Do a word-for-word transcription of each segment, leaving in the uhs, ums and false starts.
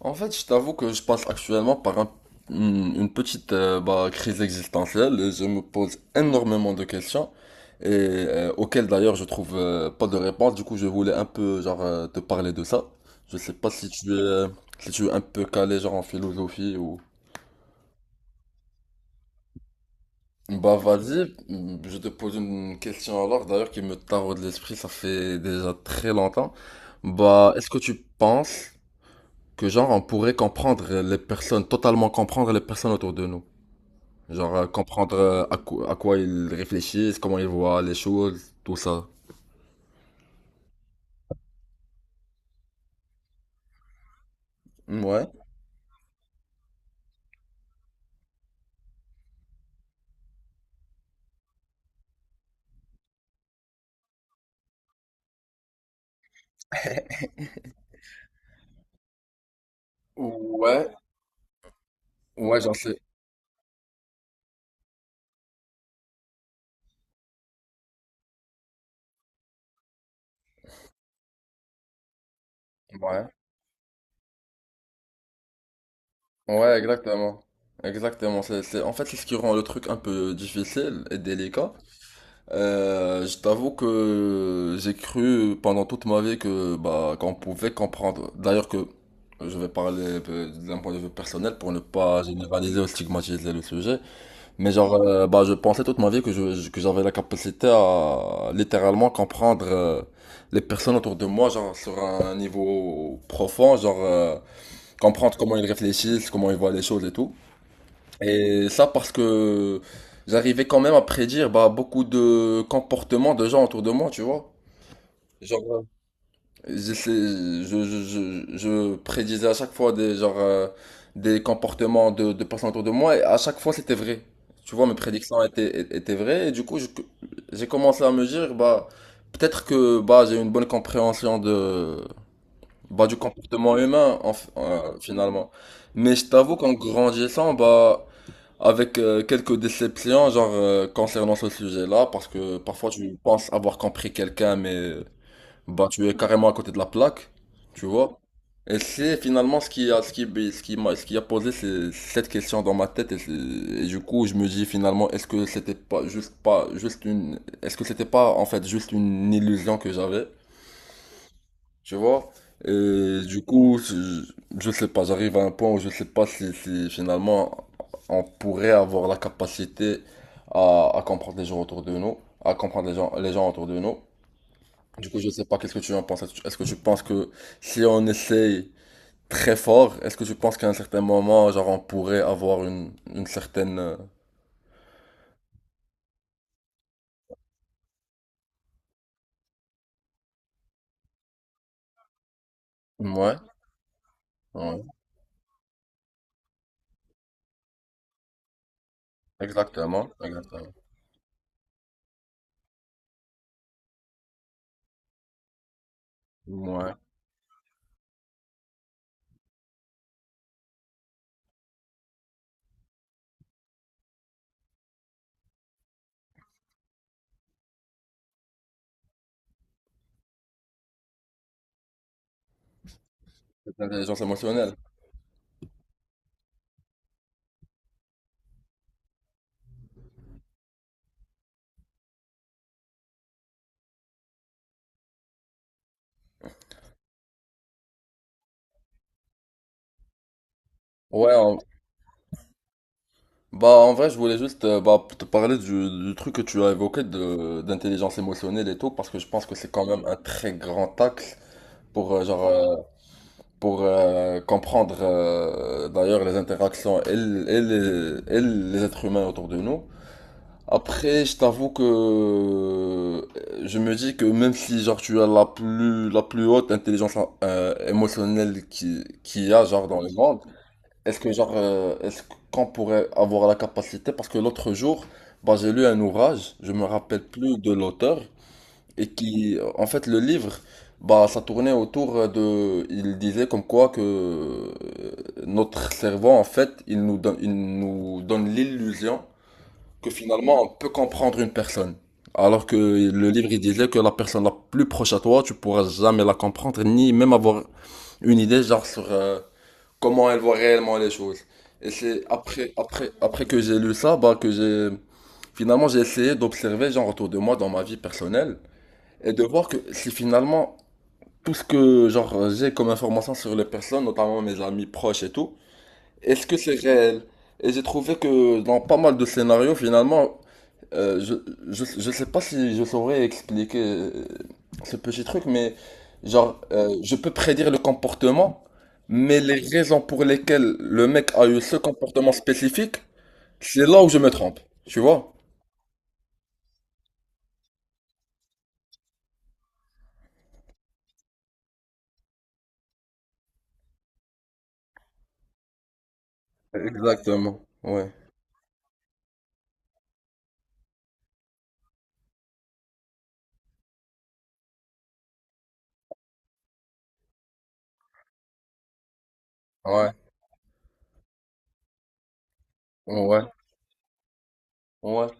En fait, je t'avoue que je passe actuellement par un- une une petite euh, bah, crise existentielle et je me pose énormément de questions et euh, auxquelles d'ailleurs je trouve euh, pas de réponse. Du coup, je voulais un peu genre euh, te parler de ça. Je sais pas si tu es euh, si tu es un peu calé genre en philosophie ou bah vas-y, mm, je te pose une question alors d'ailleurs qui me taraude l'esprit, ça fait déjà très longtemps. Bah, est-ce que tu penses que genre on pourrait comprendre les personnes, totalement comprendre les personnes autour de nous? Genre euh, comprendre euh, à quoi, à quoi ils réfléchissent, comment ils voient les choses, tout ça. Ouais. Ouais, ouais, j'en sais. Ouais. Ouais, exactement. Exactement. C'est, c'est... En fait, c'est ce qui rend le truc un peu difficile et délicat. Euh, je t'avoue que j'ai cru pendant toute ma vie que bah qu'on pouvait comprendre. D'ailleurs que je vais parler euh, d'un point de vue personnel pour ne pas généraliser ou stigmatiser le sujet. Mais genre, euh, bah, je pensais toute ma vie que je, que j'avais la capacité à littéralement comprendre euh, les personnes autour de moi, genre sur un niveau profond, genre euh, comprendre comment ils réfléchissent, comment ils voient les choses et tout. Et ça parce que j'arrivais quand même à prédire bah, beaucoup de comportements de gens autour de moi, tu vois. Genre, je, sais- je, je, je, je prédisais à chaque fois des, genre, euh, des comportements de, de personnes autour de moi et à chaque fois c'était vrai. Tu vois, mes prédictions étaient, é- étaient vraies et du coup, je- j'ai commencé à me dire, bah, peut-être que bah, j'ai une bonne compréhension de, bah, du comportement humain en f- euh, finalement. Mais je t'avoue qu'en grandissant, bah, avec euh, quelques déceptions genre, euh, concernant ce sujet-là, parce que parfois tu penses avoir compris quelqu'un, mais. Bah, tu es carrément à côté de la plaque, tu vois. Et c'est finalement ce qui a, ce qui, bah, ce qui m'a, ce qui a posé ces- cette question dans ma tête. Et, c'est- et du coup, je me dis finalement, est-ce que c'était pas juste pas juste une, est-ce que c'était pas en fait juste une illusion que j'avais, tu vois? Et du coup, je, je sais pas, j'arrive à un point où je sais pas si, si finalement on pourrait avoir la capacité à, à comprendre les gens autour de nous, à comprendre les gens, les gens autour de nous. Du coup, je sais pas qu'est-ce que tu en penses. Est-ce que tu est-ce que tu penses que si on essaye très fort, est-ce que tu penses qu'à un certain moment, genre, on pourrait avoir une, une certaine... euh, Ouais, ouais, exactement, exactement. Ouais, cette intelligence émotionnelle. Ouais, en- bah en vrai, je voulais juste euh, bah, te parler du, du truc que tu as évoqué de d'intelligence émotionnelle et tout, parce que je pense que c'est quand même un très grand axe pour euh, genre euh, pour euh, comprendre euh, d'ailleurs les interactions et, l- et les, et les êtres humains autour de nous. Après, je t'avoue que euh, je me dis que même si genre tu as la plus la plus haute intelligence euh, émotionnelle qui qu'il y a genre dans le monde, est-ce que genre euh, est-ce qu'on pourrait avoir la capacité parce que l'autre jour, bah j'ai lu un ouvrage, je me rappelle plus de l'auteur, et qui, en fait, le livre, bah, ça tournait autour de, il disait comme quoi que euh, notre cerveau, en fait, il nous donne, il nous donne l'illusion que finalement on peut comprendre une personne. Alors que le livre, il disait que la personne la plus proche à toi, tu pourras jamais la comprendre, ni même avoir une idée, genre, sur euh, comment elle voit réellement les choses. Et c'est après, après, après que j'ai lu ça, bah, que j'ai, finalement, j'ai essayé d'observer, genre, autour de moi, dans ma vie personnelle, et de voir que si finalement tout ce que genre j'ai comme information sur les personnes, notamment mes amis proches et tout, est-ce que c'est réel? Et j'ai trouvé que dans pas mal de scénarios, finalement, euh, je, je, je sais pas si je saurais expliquer euh, ce petit truc, mais genre, euh, je peux prédire le comportement, mais les raisons pour lesquelles le mec a eu ce comportement spécifique, c'est là où je me trompe, tu vois? Exactement, ouais, ouais, ouais, ouais.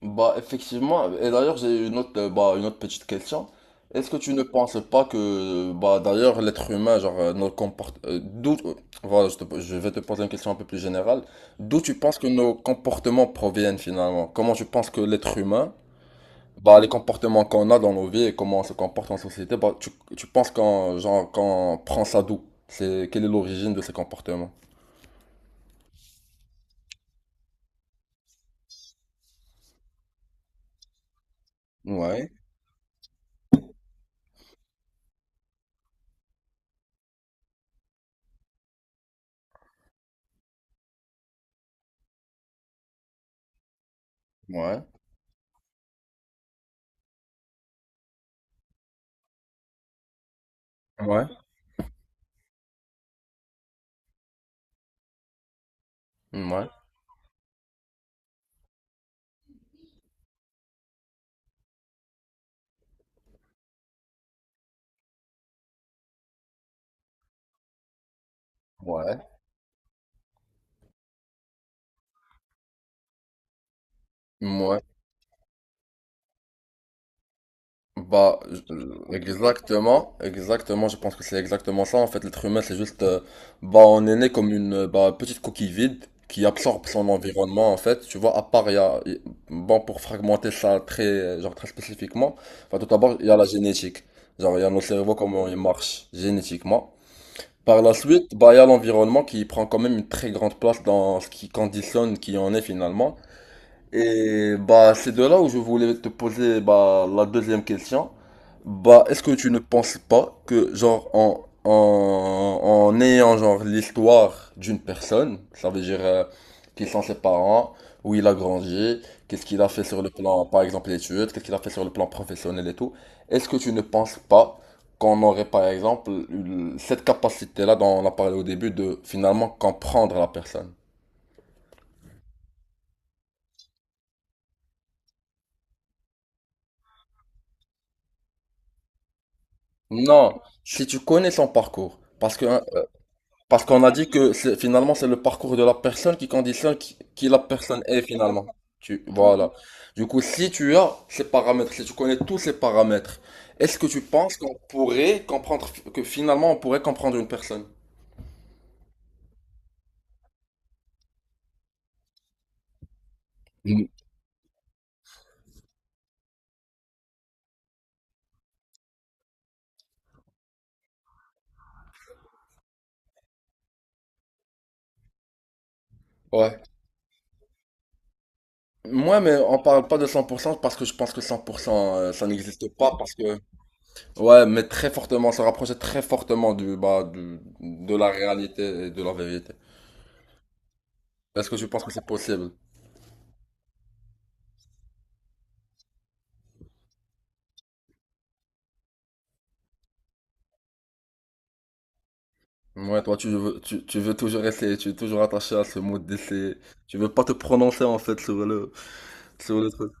Bah effectivement, et d'ailleurs j'ai une autre euh, bah une autre petite question. Est-ce que tu ne penses pas que euh, bah d'ailleurs l'être humain genre euh, nos comport- euh, d'où euh, voilà, je te- je vais te poser une question un peu plus générale. D'où tu penses que nos comportements proviennent finalement? Comment tu penses que l'être humain bah les comportements qu'on a dans nos vies et comment on se comporte en société, bah tu tu penses qu'on genre qu'on prend ça d'où? C'est quelle est l'origine de ces comportements? Ouais, ouais, ouais, ouais, ouais, ouais. Bah, je- exactement, exactement, je pense que c'est exactement ça. En fait, l'être humain, c'est juste, euh, bah, on est né comme une euh, bah, petite coquille vide qui absorbe son environnement, en fait. Tu vois, à part, il y a, il- bon, pour fragmenter ça très, euh, genre, très spécifiquement, enfin, tout d'abord, il y a la génétique. Genre, il y a nos cerveaux, comment ils marchent génétiquement. Par la suite, bah, il y a l'environnement qui prend quand même une très grande place dans ce qui conditionne qui on est finalement. Et bah, c'est de là où je voulais te poser bah, la deuxième question. Bah, est-ce que tu ne penses pas que, genre, en, en, en ayant, genre, l'histoire d'une personne, ça veut dire euh, qui sont ses parents, où il a grandi, qu'est-ce qu'il a fait sur le plan, par exemple, études, qu'est-ce qu'il a fait sur le plan professionnel et tout, est-ce que tu ne penses pas qu'on aurait, par exemple, eu cette capacité-là dont on a parlé au début de finalement comprendre la personne? Non, si tu connais son parcours, parce que hein. Parce qu'on a dit que c'est- finalement, c'est le parcours de la personne qui conditionne qui, qui la personne est finalement. Tu, voilà. Du coup, si tu as ces paramètres, si tu connais tous ces paramètres, est-ce que tu penses qu'on pourrait comprendre, que finalement, on pourrait comprendre une personne? Mm. Ouais. Moi, mais on parle pas de cent pour cent parce que je pense que cent pour cent euh, ça n'existe pas parce que ouais, mais très fortement, se rapprocher très fortement du bah du- de la réalité et de la vérité. Est-ce que tu penses que c'est possible? Ouais, toi, tu veux, tu, tu veux toujours essayer, tu es toujours attaché à ce mot d'essayer. Tu veux pas te prononcer, en fait, sur le, sur le, truc.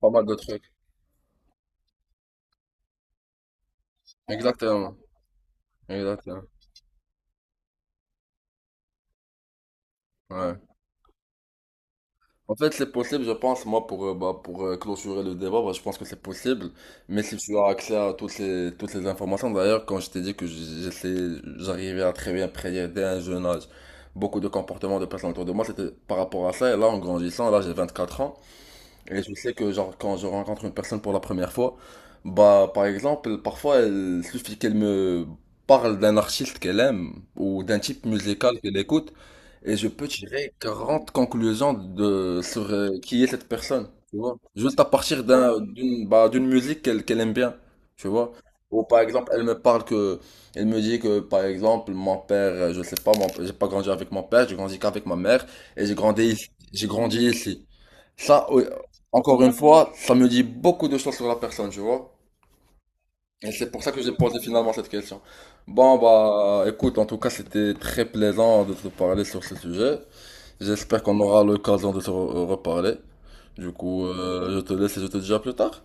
Pas mal de trucs. Exactement. Exactement. Ouais. En fait, c'est possible, je pense, moi, pour, euh, bah, pour euh, clôturer le débat, bah, je pense que c'est possible. Mais si tu as accès à toutes ces, toutes ces informations, d'ailleurs, quand je t'ai dit que j'essayais, j'arrivais à très bien prédire dès un jeune âge beaucoup de comportements de personnes autour de moi, c'était par rapport à ça. Et là, en grandissant, là, j'ai vingt-quatre ans. Et je sais que genre quand je rencontre une personne pour la première fois, bah par exemple, parfois il suffit qu'elle me parle d'un artiste qu'elle aime ou d'un type musical qu'elle écoute et je peux tirer quarante conclusions de sur euh, qui est cette personne, tu vois. Juste à partir d'un d'une bah, d'une musique qu'elle qu'elle aime bien, tu vois. Ou par exemple, elle me parle que elle me dit que par exemple, mon père, euh, je sais pas, mon- j'ai pas grandi avec mon père, j'ai grandi qu'avec ma mère et j'ai grandi ici- j'ai grandi ici. Ça, oui, encore une fois, ça me dit beaucoup de choses sur la personne, tu vois. Et c'est pour ça que j'ai posé finalement cette question. Bon, bah, écoute, en tout cas, c'était très plaisant de te parler sur ce sujet. J'espère qu'on aura l'occasion de se re- reparler. Du coup, euh, je te laisse et je te dis à plus tard.